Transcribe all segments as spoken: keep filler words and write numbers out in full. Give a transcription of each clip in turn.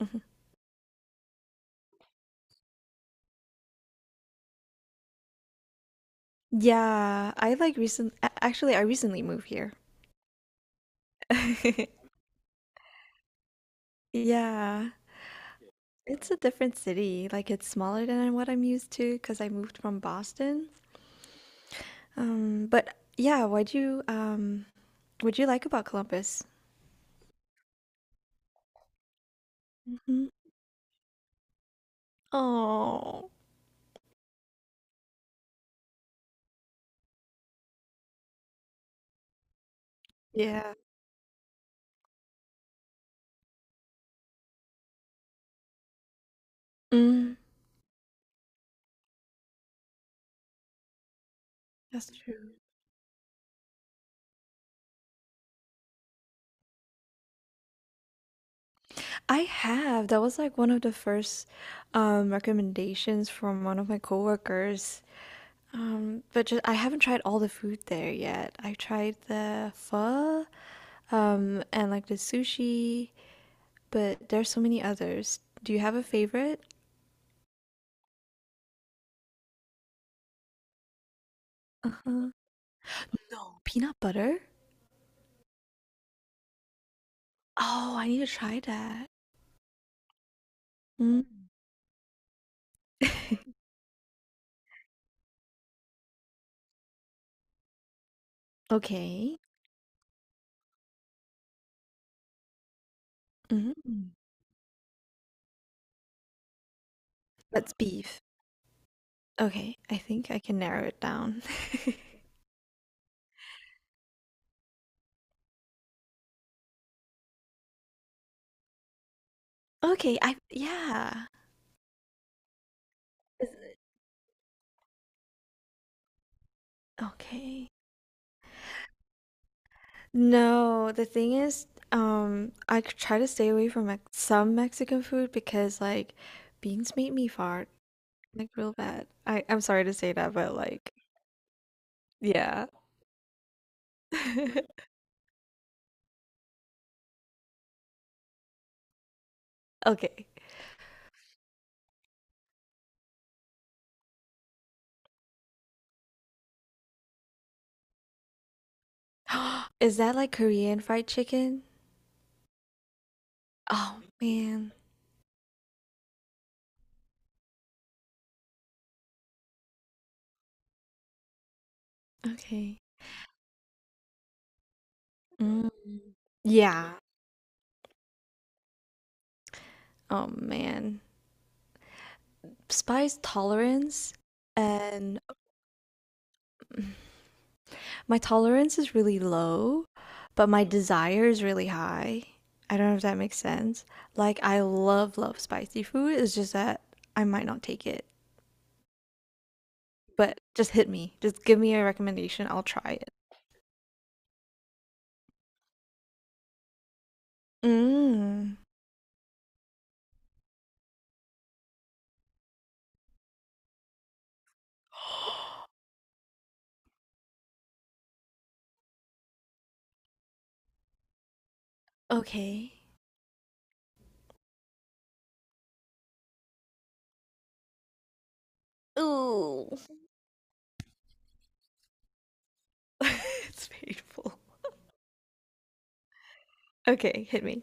Mhm. Yeah, I like recent a- actually, I recently moved here. Yeah, it's a different city. Like it's smaller than what I'm used to because I moved from Boston. Um, but yeah, what'd you um what'd you like about Columbus? Hmm. Oh, yeah. Mm, that's true. I have. That was like one of the first um recommendations from one of my coworkers. Um, but just, I haven't tried all the food there yet. I tried the pho, um, and like the sushi, but there's so many others. Do you have a favorite? Uh-huh. No. Peanut butter? Oh, I need to try that. Mm. Okay. Mm. That's beef. Okay, I think I can narrow it down. Okay, I yeah. Okay. No, the thing is, um, I c- try to stay away from Mex some Mexican food because like beans make me fart like real bad. I I'm sorry to say that, but like yeah. Okay. Is that like Korean fried chicken? Oh man. Okay. Mm. Yeah. Oh man. Spice tolerance and my tolerance is really low, but my desire is really high. I don't know if that makes sense. Like I love love spicy food. It's just that I might not take it. But just hit me. Just give me a recommendation. I'll try it. Mm. Okay. Ooh. It's painful. Okay, hit me.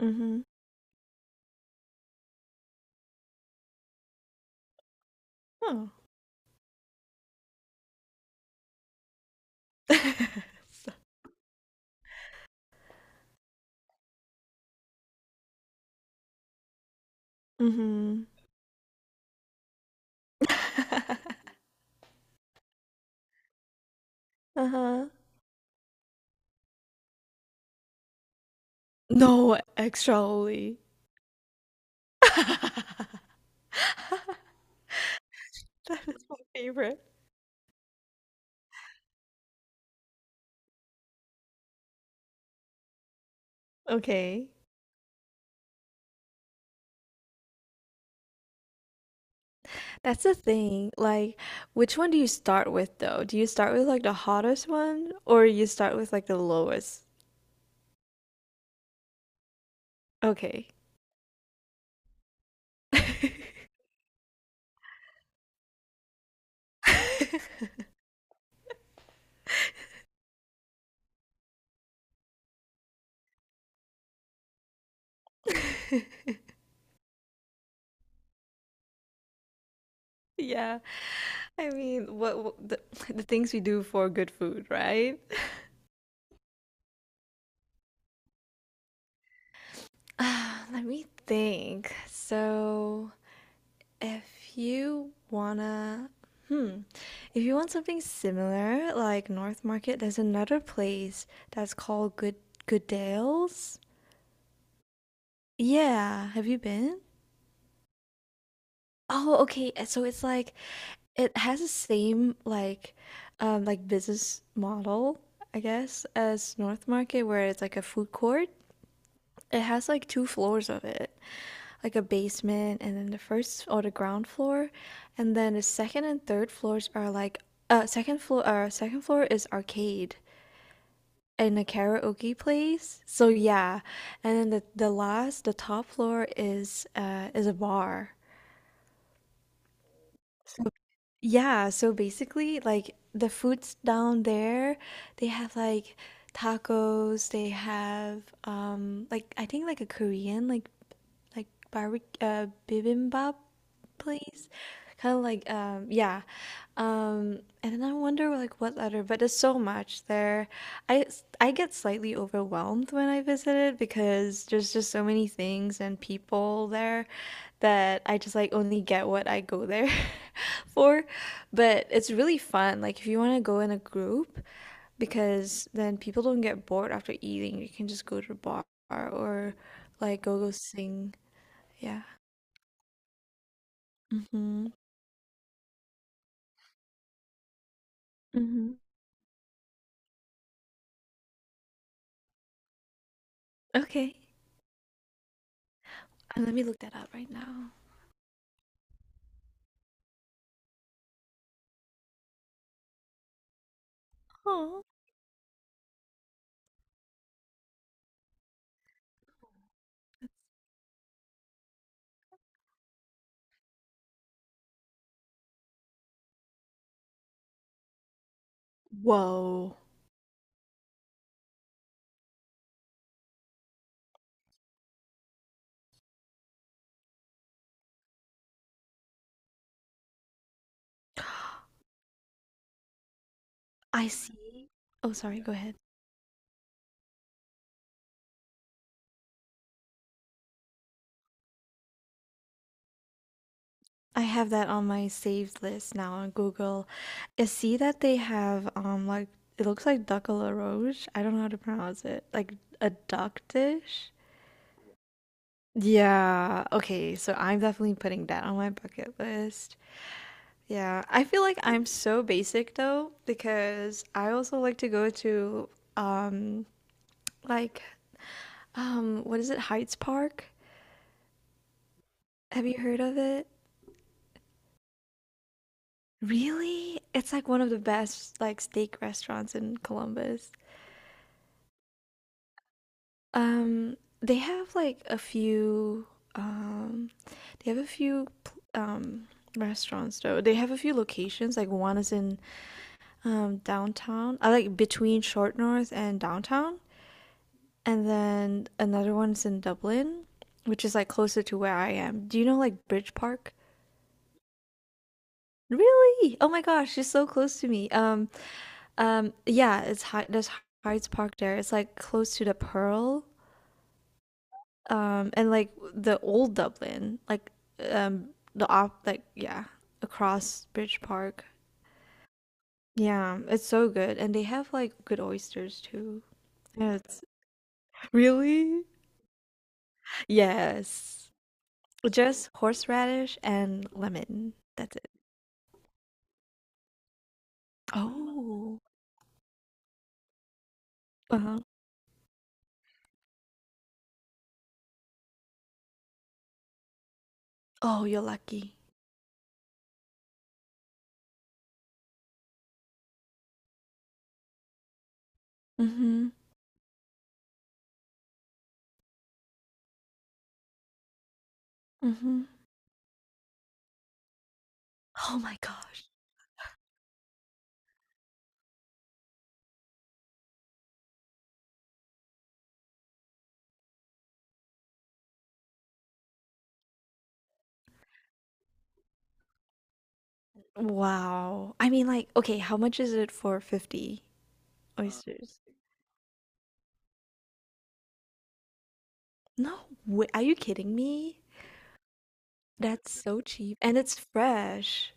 Mm-hmm. Oh. Mm-hmm. Uh-huh. No extra holy. That is my favorite. Okay. That's the thing. Like, which one do you start with though? Do you start with like the hottest one or you start with like the lowest? Okay. Yeah. I mean, what, what the, the things we do for good food, right? Ah, let me think. So, if you wanna, hmm, if you want something similar, like North Market, there's another place that's called Good Goodales. Yeah, have you been? Oh, okay. uh, So it's like it has the same like um like business model, I guess, as North Market where it's like a food court. It has like two floors of it, like a basement and then the first or the ground floor, and then the second and third floors are like uh second floor uh second floor is arcade and a karaoke place. So yeah. And then the the last the top floor is uh is a bar. Yeah, so basically, like the foods down there, they have like tacos, they have um like I think like a Korean like like barbecue uh, bibimbap place. Kind of like um yeah. Um and then I wonder like what other but there's so much there. I s- I get slightly overwhelmed when I visit it because there's just so many things and people there that I just like only get what I go there for. But it's really fun. Like if you want to go in a group, because then people don't get bored after eating. You can just go to the bar or like go go sing. Yeah. Mhm. Mhm. Okay. Uh, let me look that up right now. Oh. Whoa. I see. Oh, sorry. Go ahead. I have that on my saved list now on Google. I see that they have um like it looks like duck à la roche. I don't know how to pronounce it. Like a duck dish. Yeah. Okay, so I'm definitely putting that on my bucket list. Yeah. I feel like I'm so basic though because I also like to go to um like um what is it? Heights Park? Have you heard of it? Really? It's like one of the best like steak restaurants in Columbus. Um, they have like a few, um, they have a few, pl- um, restaurants though. They have a few locations. Like one is in um downtown, I like between Short North and downtown, and then another one's in Dublin, which is like closer to where I am. Do you know like Bridge Park? Really? Oh my gosh, you so close to me. Um, um, yeah, it's Hy- there's Hyde's Park there. It's like close to the Pearl. Um and like the old Dublin like um the op like yeah, across Bridge Park. Yeah, it's so good, and they have like good oysters too. Yeah, it's really. Yes, just horseradish and lemon, that's it. Oh. Uh-huh. Oh, you're lucky. Mm-hmm. Mm-hmm. Oh my gosh. Wow. I mean like okay, how much is it for fifty oysters? No way, are you kidding me? That's so cheap, and it's fresh.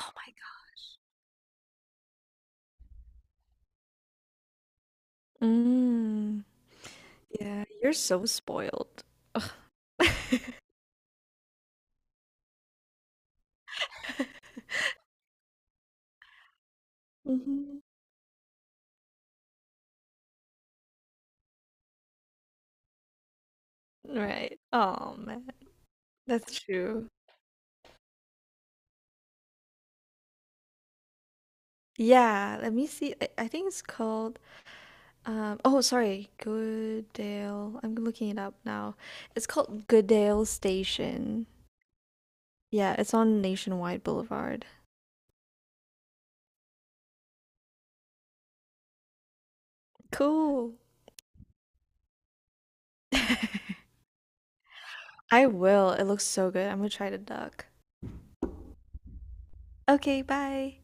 Oh my god. Mm. Yeah, you're so spoiled. Ugh. Mhm. Right. Oh man, that's true. Yeah, let me see. I, I think it's called um oh sorry, Goodale. I'm looking it up now. It's called Goodale Station. Yeah, it's on Nationwide Boulevard. Cool. I will. It looks so good. I'm gonna try to duck. Okay, bye.